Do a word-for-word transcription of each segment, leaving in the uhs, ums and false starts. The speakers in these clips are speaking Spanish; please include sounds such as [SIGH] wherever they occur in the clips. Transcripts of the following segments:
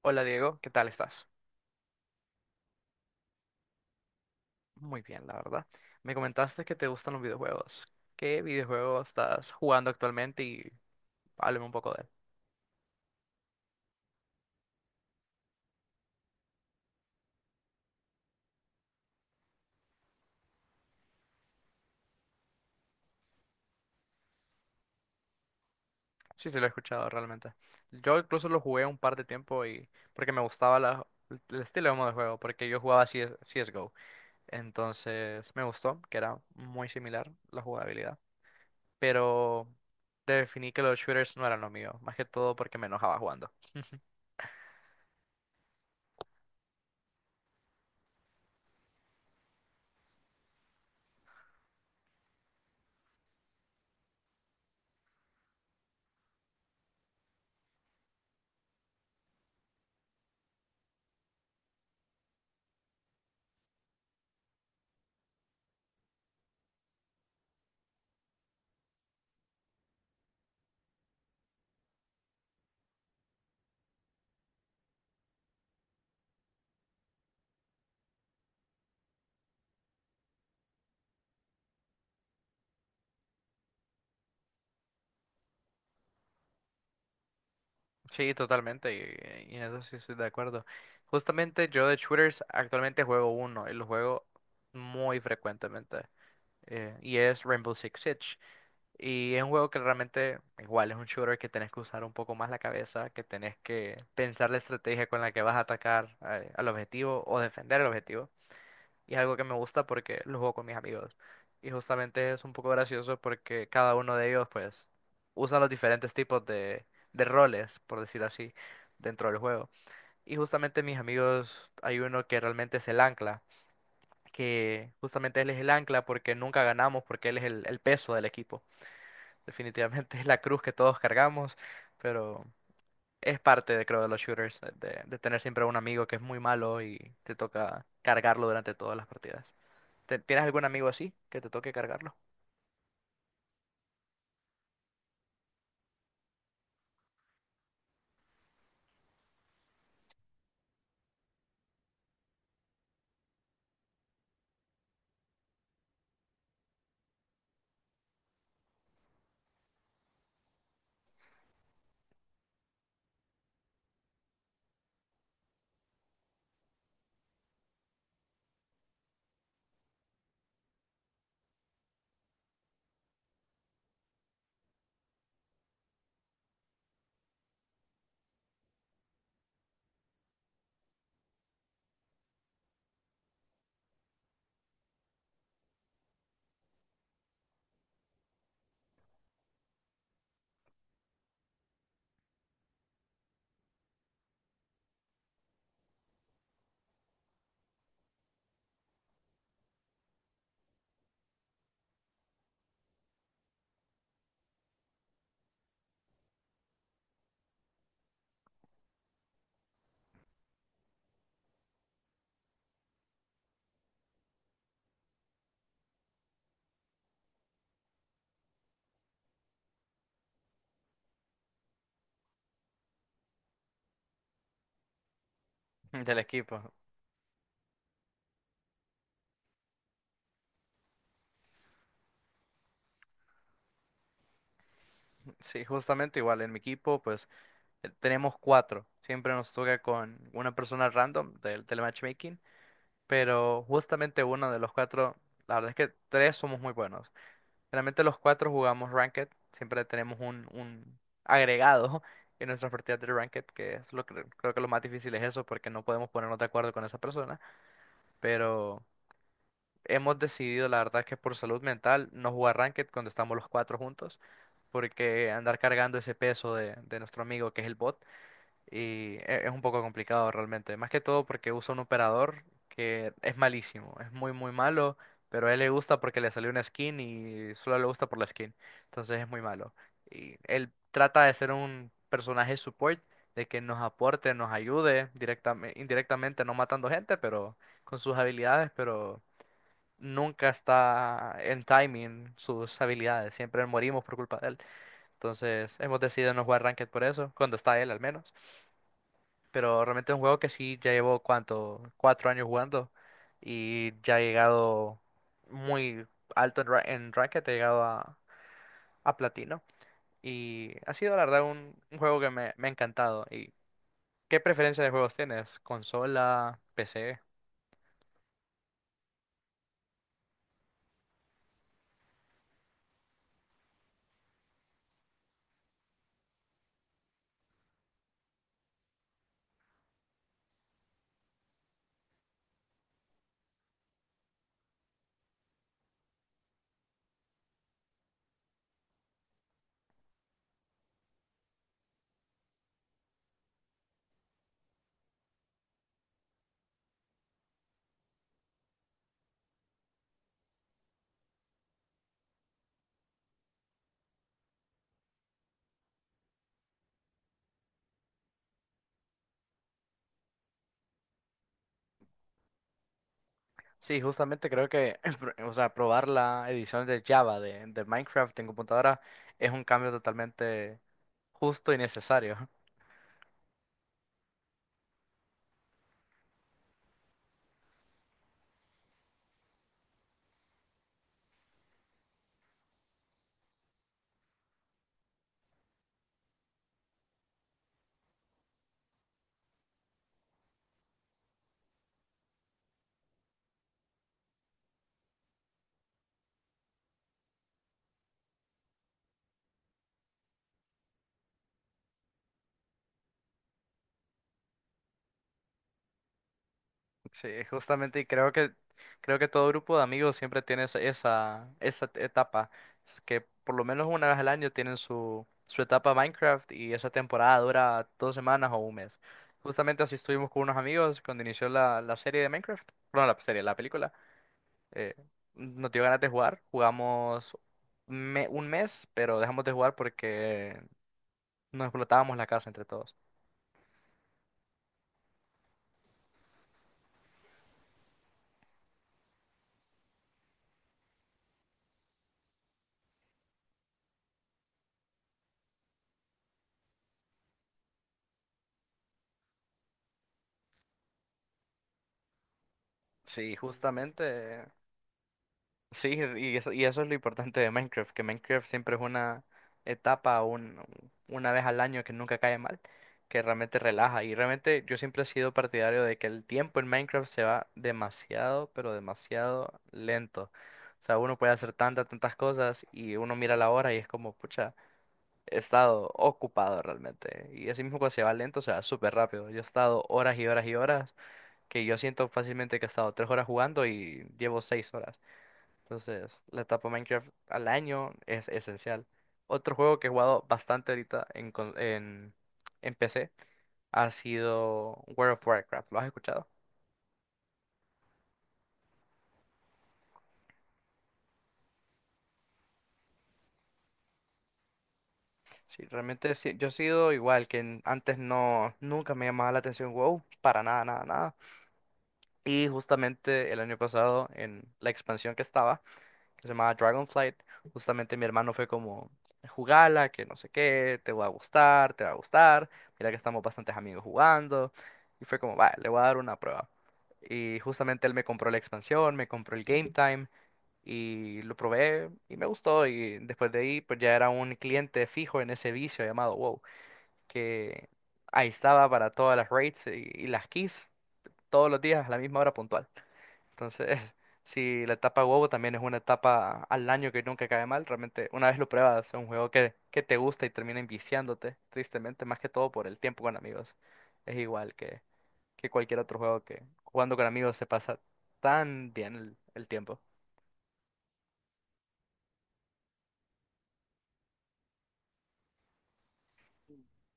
Hola Diego, ¿qué tal estás? Muy bien, la verdad. Me comentaste que te gustan los videojuegos. ¿Qué videojuego estás jugando actualmente? Y háblame un poco de él. Sí, sí, lo he escuchado realmente. Yo incluso lo jugué un par de tiempo y porque me gustaba la- el estilo de modo de juego, porque yo jugaba C S C S G O. Entonces me gustó, que era muy similar la jugabilidad. Pero definí que los shooters no eran lo mío, más que todo porque me enojaba jugando. Sí, totalmente, y, y en eso sí estoy de acuerdo. Justamente yo de shooters actualmente juego uno y lo juego muy frecuentemente, eh, y es Rainbow Six Siege. Y es un juego que realmente, igual, es un shooter que tenés que usar un poco más la cabeza, que tenés que pensar la estrategia con la que vas a atacar eh, al objetivo o defender el objetivo. Y es algo que me gusta porque lo juego con mis amigos. Y justamente es un poco gracioso porque cada uno de ellos, pues, usa los diferentes tipos de, de roles, por decir así, dentro del juego. Y justamente mis amigos, hay uno que realmente es el ancla, que justamente él es el ancla porque nunca ganamos, porque él es el, el peso del equipo. Definitivamente [LAUGHS] es la cruz que todos cargamos, pero es parte de, creo, de los shooters, de, de tener siempre un amigo que es muy malo y te toca cargarlo durante todas las partidas. ¿Te- ¿Tienes algún amigo así que te toque cargarlo? [LAUGHS] Del equipo. Sí, justamente igual. En mi equipo, pues eh, tenemos cuatro. Siempre nos toca con una persona random del telematchmaking. Pero justamente uno de los cuatro, la verdad es que tres somos muy buenos. Realmente los cuatro jugamos Ranked. Siempre tenemos un, un agregado [LAUGHS] en nuestras partidas de Ranked, que es lo que creo que lo más difícil es eso, porque no podemos ponernos de acuerdo con esa persona. Pero. Hemos decidido, la verdad, que por salud mental no jugar ranked cuando estamos los cuatro juntos, porque andar cargando ese peso de, de nuestro amigo que es el bot y e- es un poco complicado realmente. Más que todo porque usa un operador que es malísimo, es muy muy malo, pero a él le gusta porque le salió una skin y solo le gusta por la skin, entonces es muy malo. Y él trata de ser un personaje support, de que nos aporte, nos ayude directamente, indirectamente, no matando gente, pero con sus habilidades, pero nunca está en timing sus habilidades, siempre morimos por culpa de él. Entonces hemos decidido no jugar Ranked por eso, cuando está él al menos. Pero realmente es un juego que sí ya llevo cuánto, cuatro años jugando y ya he llegado muy alto en, ra- en Ranked, he llegado a, a, platino. Y ha sido la verdad un, un juego que me, me ha encantado. ¿Y qué preferencia de juegos tienes? ¿Consola? ¿P C? Sí, justamente creo que, [LAUGHS] o sea, probar la edición de Java de, de Minecraft en computadora es un cambio totalmente justo y necesario. [LAUGHS] Sí, justamente, y creo que, creo que todo grupo de amigos siempre tiene esa, esa, esa etapa, es que por lo menos una vez al año tienen su, su etapa Minecraft y esa temporada dura dos semanas o un mes. Justamente así estuvimos con unos amigos cuando inició la, la serie de Minecraft, bueno, la serie, la película. eh, Nos dio ganas de jugar. Jugamos me- un mes, pero dejamos de jugar porque nos explotábamos la casa entre todos. Sí, justamente. Sí, y eso, y eso es lo importante de Minecraft, que Minecraft siempre es una etapa, un, una vez al año que nunca cae mal, que realmente relaja. Y realmente yo siempre he sido partidario de que el tiempo en Minecraft se va demasiado, pero demasiado lento. O sea, uno puede hacer tantas, tantas cosas y uno mira la hora y es como, pucha. He estado ocupado realmente. Y así mismo cuando se va lento, se va súper rápido. Yo he estado horas y horas y horas, que yo siento fácilmente que he estado tres horas jugando y llevo seis horas. Entonces, la etapa Minecraft al año es esencial. Otro juego que he jugado bastante ahorita en, con- en, en P C ha sido World of Warcraft. ¿Lo has escuchado? Sí, realmente sí, yo he sido igual que en- antes no, nunca me llamaba la atención WoW, para nada, nada, nada. Y justamente el año pasado, en la expansión que estaba, que se llamaba Dragonflight, justamente mi hermano fue como, jugala, que no sé qué, te va a gustar, te va a gustar, mira que estamos bastantes amigos jugando, y fue como, va, le voy a dar una prueba. Y justamente él me compró la expansión, me compró el Game Time, y lo probé, y me gustó, y después de ahí, pues ya era un cliente fijo en ese vicio llamado WoW, que ahí estaba para todas las raids y, y las keys, todos los días a la misma hora puntual. Entonces, [LAUGHS] si la etapa huevo también es una etapa al año que nunca cae mal, realmente una vez lo pruebas, es un juego que, que te gusta y termina enviciándote, tristemente, más que todo por el tiempo con amigos. Es igual que, que cualquier otro juego que jugando con amigos se pasa tan bien el el tiempo.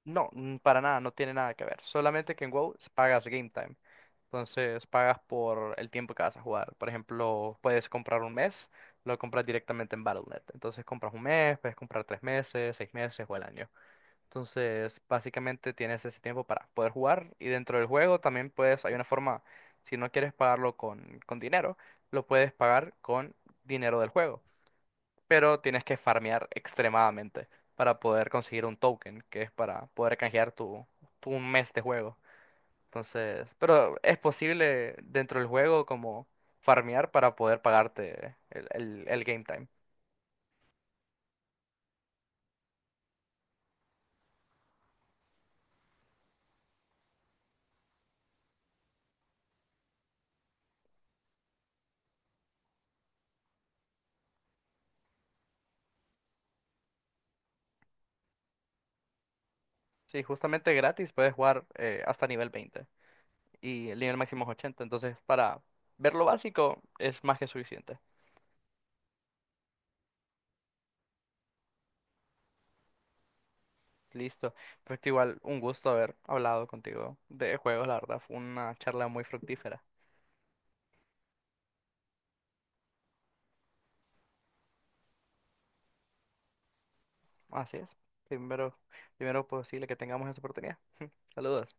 No, mm, para nada, no tiene nada que ver. Solamente que en WoW pagas game time. Entonces pagas por el tiempo que vas a jugar. Por ejemplo, puedes comprar un mes, lo compras directamente en battle punto net. Entonces compras un mes, puedes comprar tres meses, seis meses o el año. Entonces básicamente tienes ese tiempo para poder jugar y dentro del juego también puedes, hay una forma, si no quieres pagarlo con, con dinero, lo puedes pagar con dinero del juego pero tienes que farmear extremadamente para poder conseguir un token, que es para poder canjear tu, tu, un mes de juego. Entonces, pero es posible dentro del juego como farmear para poder pagarte el, el- el game time. Sí, justamente gratis puedes jugar eh, hasta nivel veinte y el nivel máximo es ochenta, entonces para ver lo básico es más que suficiente. Listo, pero igual un gusto haber hablado contigo de juegos, la verdad, fue una charla muy fructífera. Así es. Primero, Primero posible que tengamos esa oportunidad. [LAUGHS] Saludos.